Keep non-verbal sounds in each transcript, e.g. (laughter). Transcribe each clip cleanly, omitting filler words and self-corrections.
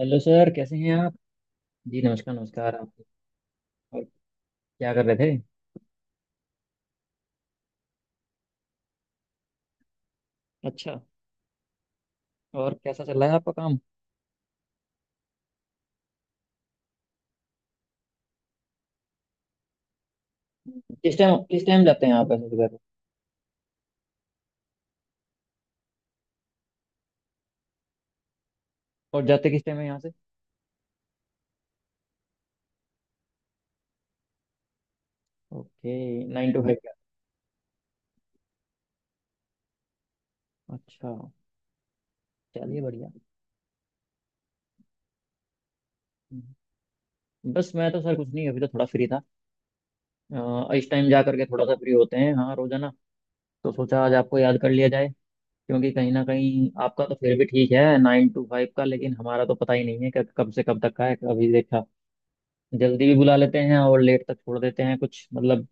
Hello sir, कैसे हैं आप? जी नमस्कार, नमस्कार। आप और क्या कर रहे थे? अच्छा। और कैसा चल रहा है आपका काम? किस टाइम जाते हैं आप ऐसे सुबह को? और जाते किस टाइम है यहाँ से? ओके। 9 to 5 क्या? अच्छा। चलिए, बढ़िया। बस मैं तो सर कुछ नहीं, अभी तो थोड़ा फ्री था। इस टाइम जा करके थोड़ा सा फ्री होते हैं हाँ रोजाना। तो सोचा आज आपको याद कर लिया जाए। क्योंकि कहीं ना कहीं आपका तो फिर भी ठीक है, 9 to 5 का, लेकिन हमारा तो पता ही नहीं है कि कब से कब तक का है अभी देखा। जल्दी भी बुला लेते हैं और लेट तक छोड़ देते हैं कुछ, मतलब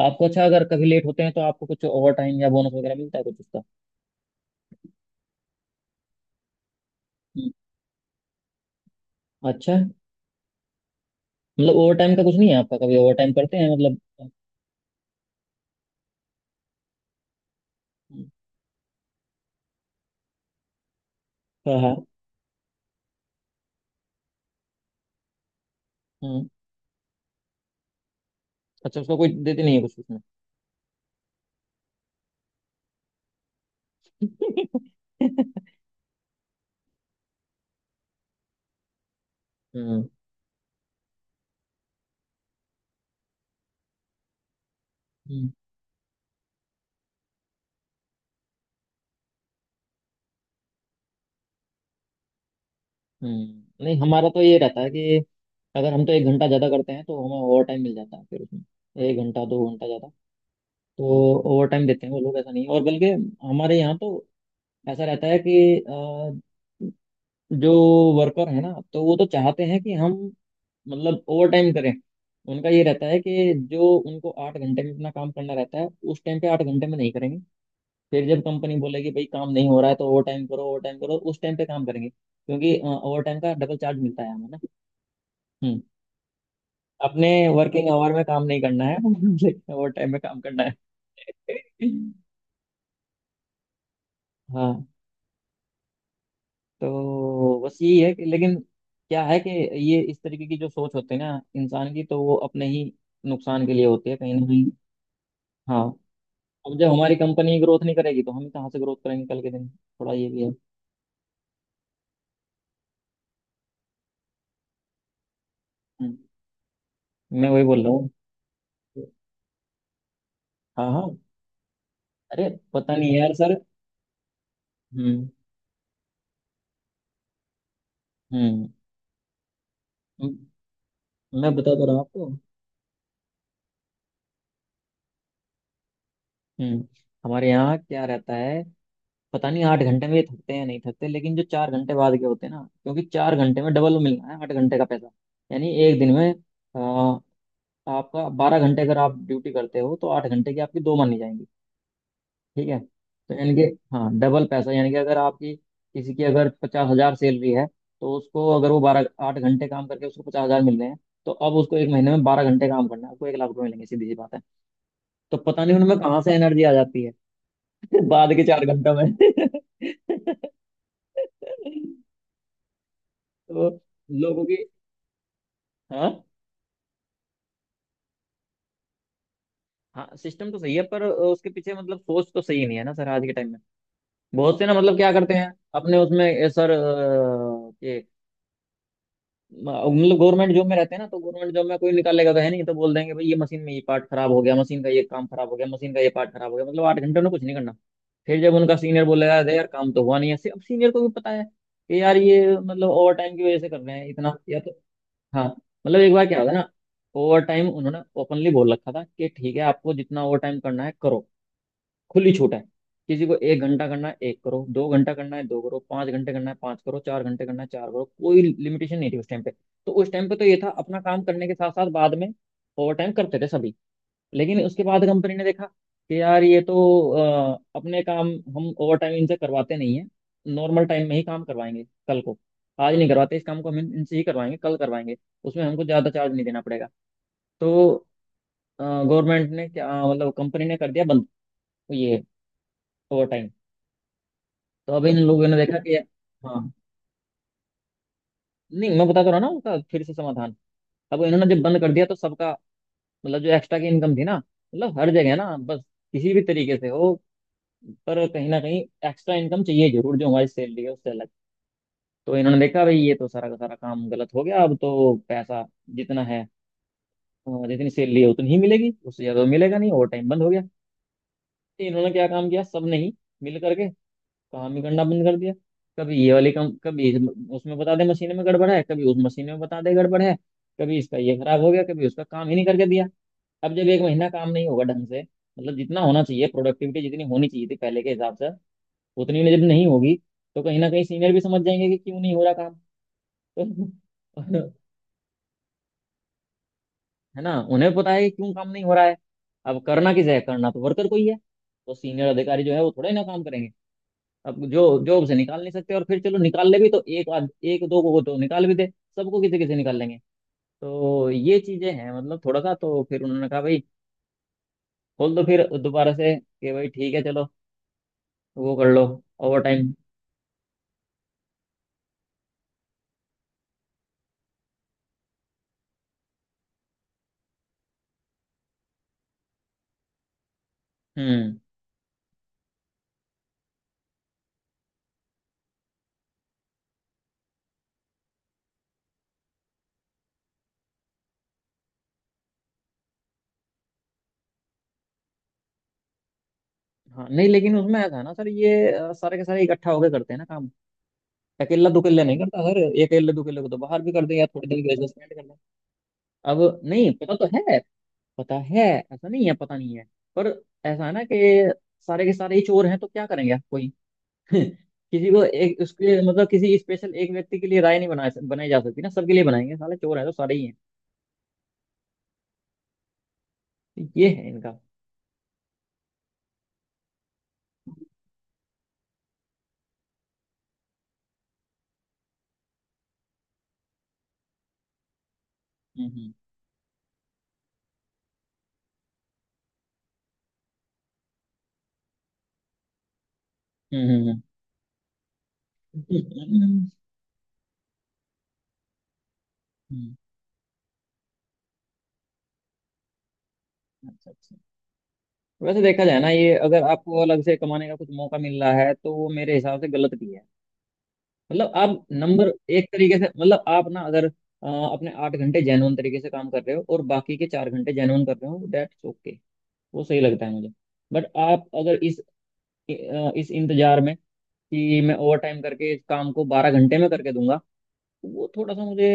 आपको। अच्छा, अगर कभी लेट होते हैं तो आपको कुछ ओवर टाइम या बोनस वगैरह मिलता है कुछ उसका? हम्म। अच्छा है। मतलब ओवर टाइम का कुछ नहीं है आपका? कभी ओवर टाइम करते हैं मतलब? हम्म। हाँ हाँ। हम्म। अच्छा, उसका कोई देते नहीं है कुछ उसमें? (laughs) हम्म। हम्म। हम्म। नहीं हमारा तो ये रहता है कि अगर हम तो 1 घंटा ज्यादा करते हैं तो हमें ओवर टाइम मिल जाता है फिर। उसमें 1 घंटा 2 घंटा ज्यादा तो ओवर टाइम देते हैं वो लोग, ऐसा नहीं है। और बल्कि हमारे यहाँ तो ऐसा रहता है कि अ, जो वर्कर है ना तो वो तो चाहते हैं कि हम मतलब ओवर टाइम करें। उनका ये रहता है कि जो उनको 8 घंटे में अपना काम करना रहता है उस टाइम पे 8 घंटे में नहीं करेंगे। फिर जब कंपनी बोलेगी भाई काम नहीं हो रहा है तो ओवर टाइम करो ओवर टाइम करो, उस टाइम पे काम करेंगे, क्योंकि ओवर टाइम का डबल चार्ज मिलता है हमें ना। हम्म। अपने वर्किंग आवर में काम नहीं करना है (laughs) लेकिन ओवर टाइम में काम करना है। हाँ। तो बस यही है कि लेकिन क्या है कि ये इस तरीके की जो सोच होती है ना इंसान की, तो वो अपने ही नुकसान के लिए होती है कहीं ना कहीं। हाँ। अब जब हमारी कंपनी ग्रोथ नहीं करेगी तो हम कहाँ से ग्रोथ करेंगे कल के दिन, थोड़ा ये भी है। हम्म। मैं वही बोल रहा हूँ। हाँ हाँ। अरे पता नहीं यार सर। हम्म। हम्म। मैं बता तो रहा हूँ आपको। हम्म। हमारे यहाँ क्या रहता है, पता नहीं 8 घंटे में ये थकते हैं या नहीं थकते, लेकिन जो 4 घंटे बाद के होते हैं ना क्योंकि 4 घंटे में डबल मिलना है 8 घंटे का पैसा। यानी एक दिन में अ, आपका 12 घंटे अगर आप ड्यूटी करते हो तो 8 घंटे की आपकी दो मानी जाएंगी। ठीक है? तो यानी कि हाँ, डबल पैसा। यानी कि अगर आपकी किसी की अगर 50,000 सैलरी है तो उसको अगर वो 12 से 8 घंटे काम करके उसको 50,000 मिल रहे हैं, तो अब उसको एक महीने में 12 घंटे काम करना है, उसको 1 लाख रुपए मिलेंगे, सीधी सी बात है। तो पता नहीं उनमें कहाँ से एनर्जी आ जाती है (laughs) बाद के 4 घंटों में (laughs) तो लोगों की, हाँ। हाँ सिस्टम तो सही है पर उसके पीछे मतलब सोच तो सही नहीं है ना सर आज के टाइम में। बहुत से ना मतलब क्या करते हैं अपने उसमें सर, ये मतलब गवर्नमेंट जॉब में रहते हैं ना, तो गवर्नमेंट जॉब में कोई निकालेगा तो है नहीं, तो बोल देंगे भाई ये मशीन में ये पार्ट खराब हो गया, मशीन का ये काम खराब हो गया, मशीन का ये पार्ट खराब हो गया, मतलब 8 घंटे में कुछ नहीं करना। फिर जब उनका सीनियर बोलेगा अरे यार काम तो हुआ नहीं ऐसे, अब सीनियर को भी पता है कि यार ये मतलब ओवर टाइम की वजह से कर रहे हैं इतना या तो। हाँ। मतलब एक बार क्या होगा ना, ओवर टाइम उन्होंने ओपनली बोल रखा था कि ठीक है आपको जितना ओवर टाइम करना है करो, खुली छूट है, किसी को 1 घंटा करना है एक करो, 2 घंटा करना है दो करो, 5 घंटे करना है पांच करो, 4 घंटे करना है चार करो, कोई लिमिटेशन नहीं थी उस टाइम पे। तो उस टाइम पे तो ये था अपना काम करने के साथ साथ बाद में ओवर टाइम करते थे सभी। लेकिन उसके बाद कंपनी ने देखा कि यार ये तो अपने काम हम ओवर टाइम इनसे करवाते नहीं है, नॉर्मल टाइम में ही काम करवाएंगे कल को, आज नहीं करवाते इस काम को हम इनसे ही करवाएंगे, कल करवाएंगे, उसमें हमको ज्यादा चार्ज नहीं देना पड़ेगा। तो गवर्नमेंट ने क्या मतलब कंपनी ने कर दिया बंद ये ओवर टाइम। तो अब इन लोगों ने देखा कि हाँ, नहीं मैं बता तो रहा ना उसका फिर से समाधान। अब इन्होंने जब बंद कर दिया तो सबका मतलब जो एक्स्ट्रा की इनकम थी ना, मतलब हर जगह ना बस, किसी भी तरीके से हो पर कहीं ना कहीं एक्स्ट्रा इनकम चाहिए जरूर जो हमारी सैलरी है उससे अलग। तो इन्होंने देखा भाई ये तो सारा का सारा काम गलत हो गया, अब तो पैसा जितना है जितनी सैलरी है उतनी ही मिलेगी, उससे ज्यादा मिलेगा नहीं, ओवर टाइम बंद हो गया। तो इन्होंने क्या काम किया सब ने ही मिल करके, काम ही करना बंद कर दिया। कभी ये वाली कम, कभी उसमें बता दे मशीन में गड़बड़ है, कभी उस मशीन में बता दे गड़बड़ है, कभी इसका ये खराब हो गया, कभी उसका काम ही नहीं करके दिया। अब जब एक महीना काम नहीं होगा ढंग से मतलब जितना होना चाहिए प्रोडक्टिविटी जितनी होनी चाहिए थी पहले के हिसाब से, उतनी जब नहीं होगी, तो कहीं ना कहीं सीनियर भी समझ जाएंगे कि क्यों नहीं हो रहा काम। तो (laughs) है ना, उन्हें पता है कि क्यों काम नहीं हो रहा है। अब करना किसे है? करना तो वर्कर को ही है, तो सीनियर अधिकारी जो है वो थोड़े ना काम करेंगे। अब जो जॉब से निकाल नहीं सकते, और फिर चलो निकाल ले भी तो एक आध एक दो को तो निकाल भी दे, सबको किसी किसी निकाल लेंगे? तो ये चीजें हैं, मतलब थोड़ा सा तो फिर उन्होंने कहा भाई खोल दो फिर दोबारा से कि भाई ठीक है चलो वो कर लो ओवर टाइम। हम्म। हाँ नहीं, लेकिन उसमें ऐसा है ना सर ये सारे के सारे इकट्ठा होकर करते हैं ना काम। अकेला दुकेला नहीं करता सर, अकेले दुकेले को तो बाहर भी कर दे या थोड़ी देर के लिए सस्पेंड कर दे। अब नहीं, पता तो है। पता है। ऐसा नहीं है पता नहीं है। पर ऐसा है ना कि सारे के सारे ही चोर हैं तो क्या करेंगे आप? कोई किसी को एक उसके मतलब किसी स्पेशल एक व्यक्ति के लिए राय नहीं बनाई बनाई जा सकती ना, सबके लिए बनाएंगे साले चोर है तो सारे ही हैं, ये है इनका। हम्म। हम्म। हम्म। हम्म। अच्छा अच्छा। वैसे देखा जाए ना ये, अगर आपको अलग से कमाने का कुछ मौका मिल रहा है तो वो मेरे हिसाब से गलत भी है। मतलब आप नंबर एक तरीके से, मतलब आप ना अगर अपने 8 घंटे जेन्युइन तरीके से काम कर रहे हो और बाकी के 4 घंटे जेन्युइन कर रहे हो, दैट्स ओके, वो सही लगता है मुझे। बट आप अगर इस इस इंतजार में कि मैं ओवर टाइम करके इस काम को 12 घंटे में करके दूंगा, तो वो थोड़ा सा मुझे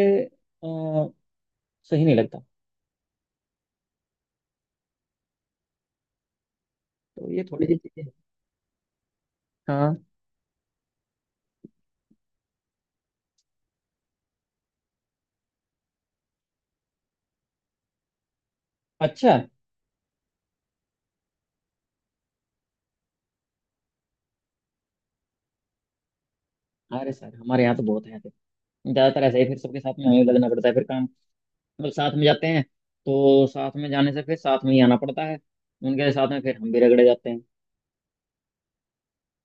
अ, सही नहीं लगता। तो ये थोड़ी सी चीजें। हाँ। अच्छा। अरे सर हमारे यहाँ तो बहुत है ऐसे, ज्यादातर ऐसे ही। फिर सबके साथ में हमें लगना पड़ता है फिर काम, मतलब साथ में जाते हैं, तो साथ में जाने से फिर साथ में ही आना पड़ता है, उनके साथ में फिर हम भी रगड़े जाते हैं।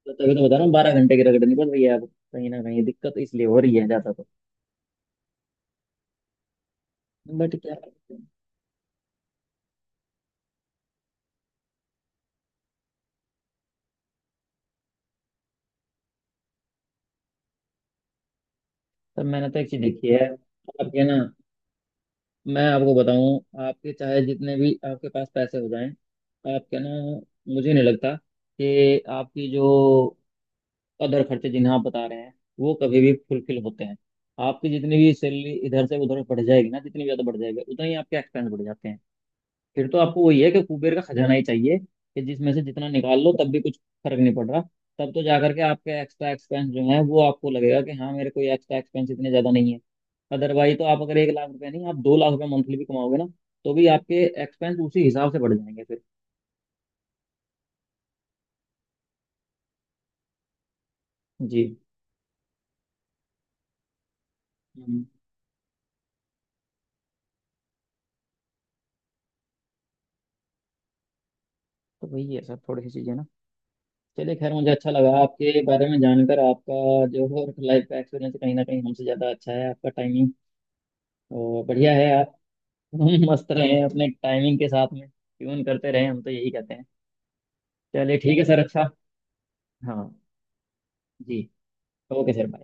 तो तभी तो बता रहा हूँ 12 घंटे की रगड़नी पड़ रही है अब। कहीं ना कहीं दिक्कत इसलिए हो रही है ज्यादा तो। बट क्या सर, मैंने तो एक चीज देखी है। आपके ना, मैं आपको बताऊं आपके चाहे जितने भी आपके पास पैसे हो जाएं, आपके ना मुझे नहीं लगता कि आपकी जो अदर खर्चे जिन्हें आप बता रहे हैं, वो कभी भी फुलफिल होते हैं। आपकी जितनी भी सैलरी इधर से उधर बढ़ जाएगी ना, जितनी भी ज़्यादा बढ़ जाएगी उतना ही आपके एक्सपेंस बढ़ जाते हैं। फिर तो आपको वही है कि कुबेर का खजाना ही चाहिए कि जिसमें से जितना निकाल लो तब भी कुछ फर्क नहीं पड़ रहा, तब तो जाकर के आपके एक्स्ट्रा एक्सपेंस जो है वो आपको लगेगा कि हाँ मेरे कोई एक्स्ट्रा एक्सपेंस इतने ज्यादा नहीं है। अदरवाइज तो आप अगर 1 लाख रुपए नहीं, आप 2 लाख रुपए मंथली भी कमाओगे ना, तो भी आपके एक्सपेंस उसी हिसाब से बढ़ जाएंगे फिर। जी। हम्म। तो वही है सर, थोड़ी सी चीजें ना। चलिए, खैर मुझे अच्छा लगा आपके बारे में जानकर। आपका जो लाइफ का एक्सपीरियंस कहीं ना कहीं हमसे ज्यादा अच्छा है, आपका टाइमिंग और बढ़िया है। (laughs) हम मस्त रहे अपने टाइमिंग के साथ में, ट्यून करते रहे, हम तो यही कहते हैं। चलिए ठीक है सर, अच्छा। हाँ। जी। Okay sir, bye.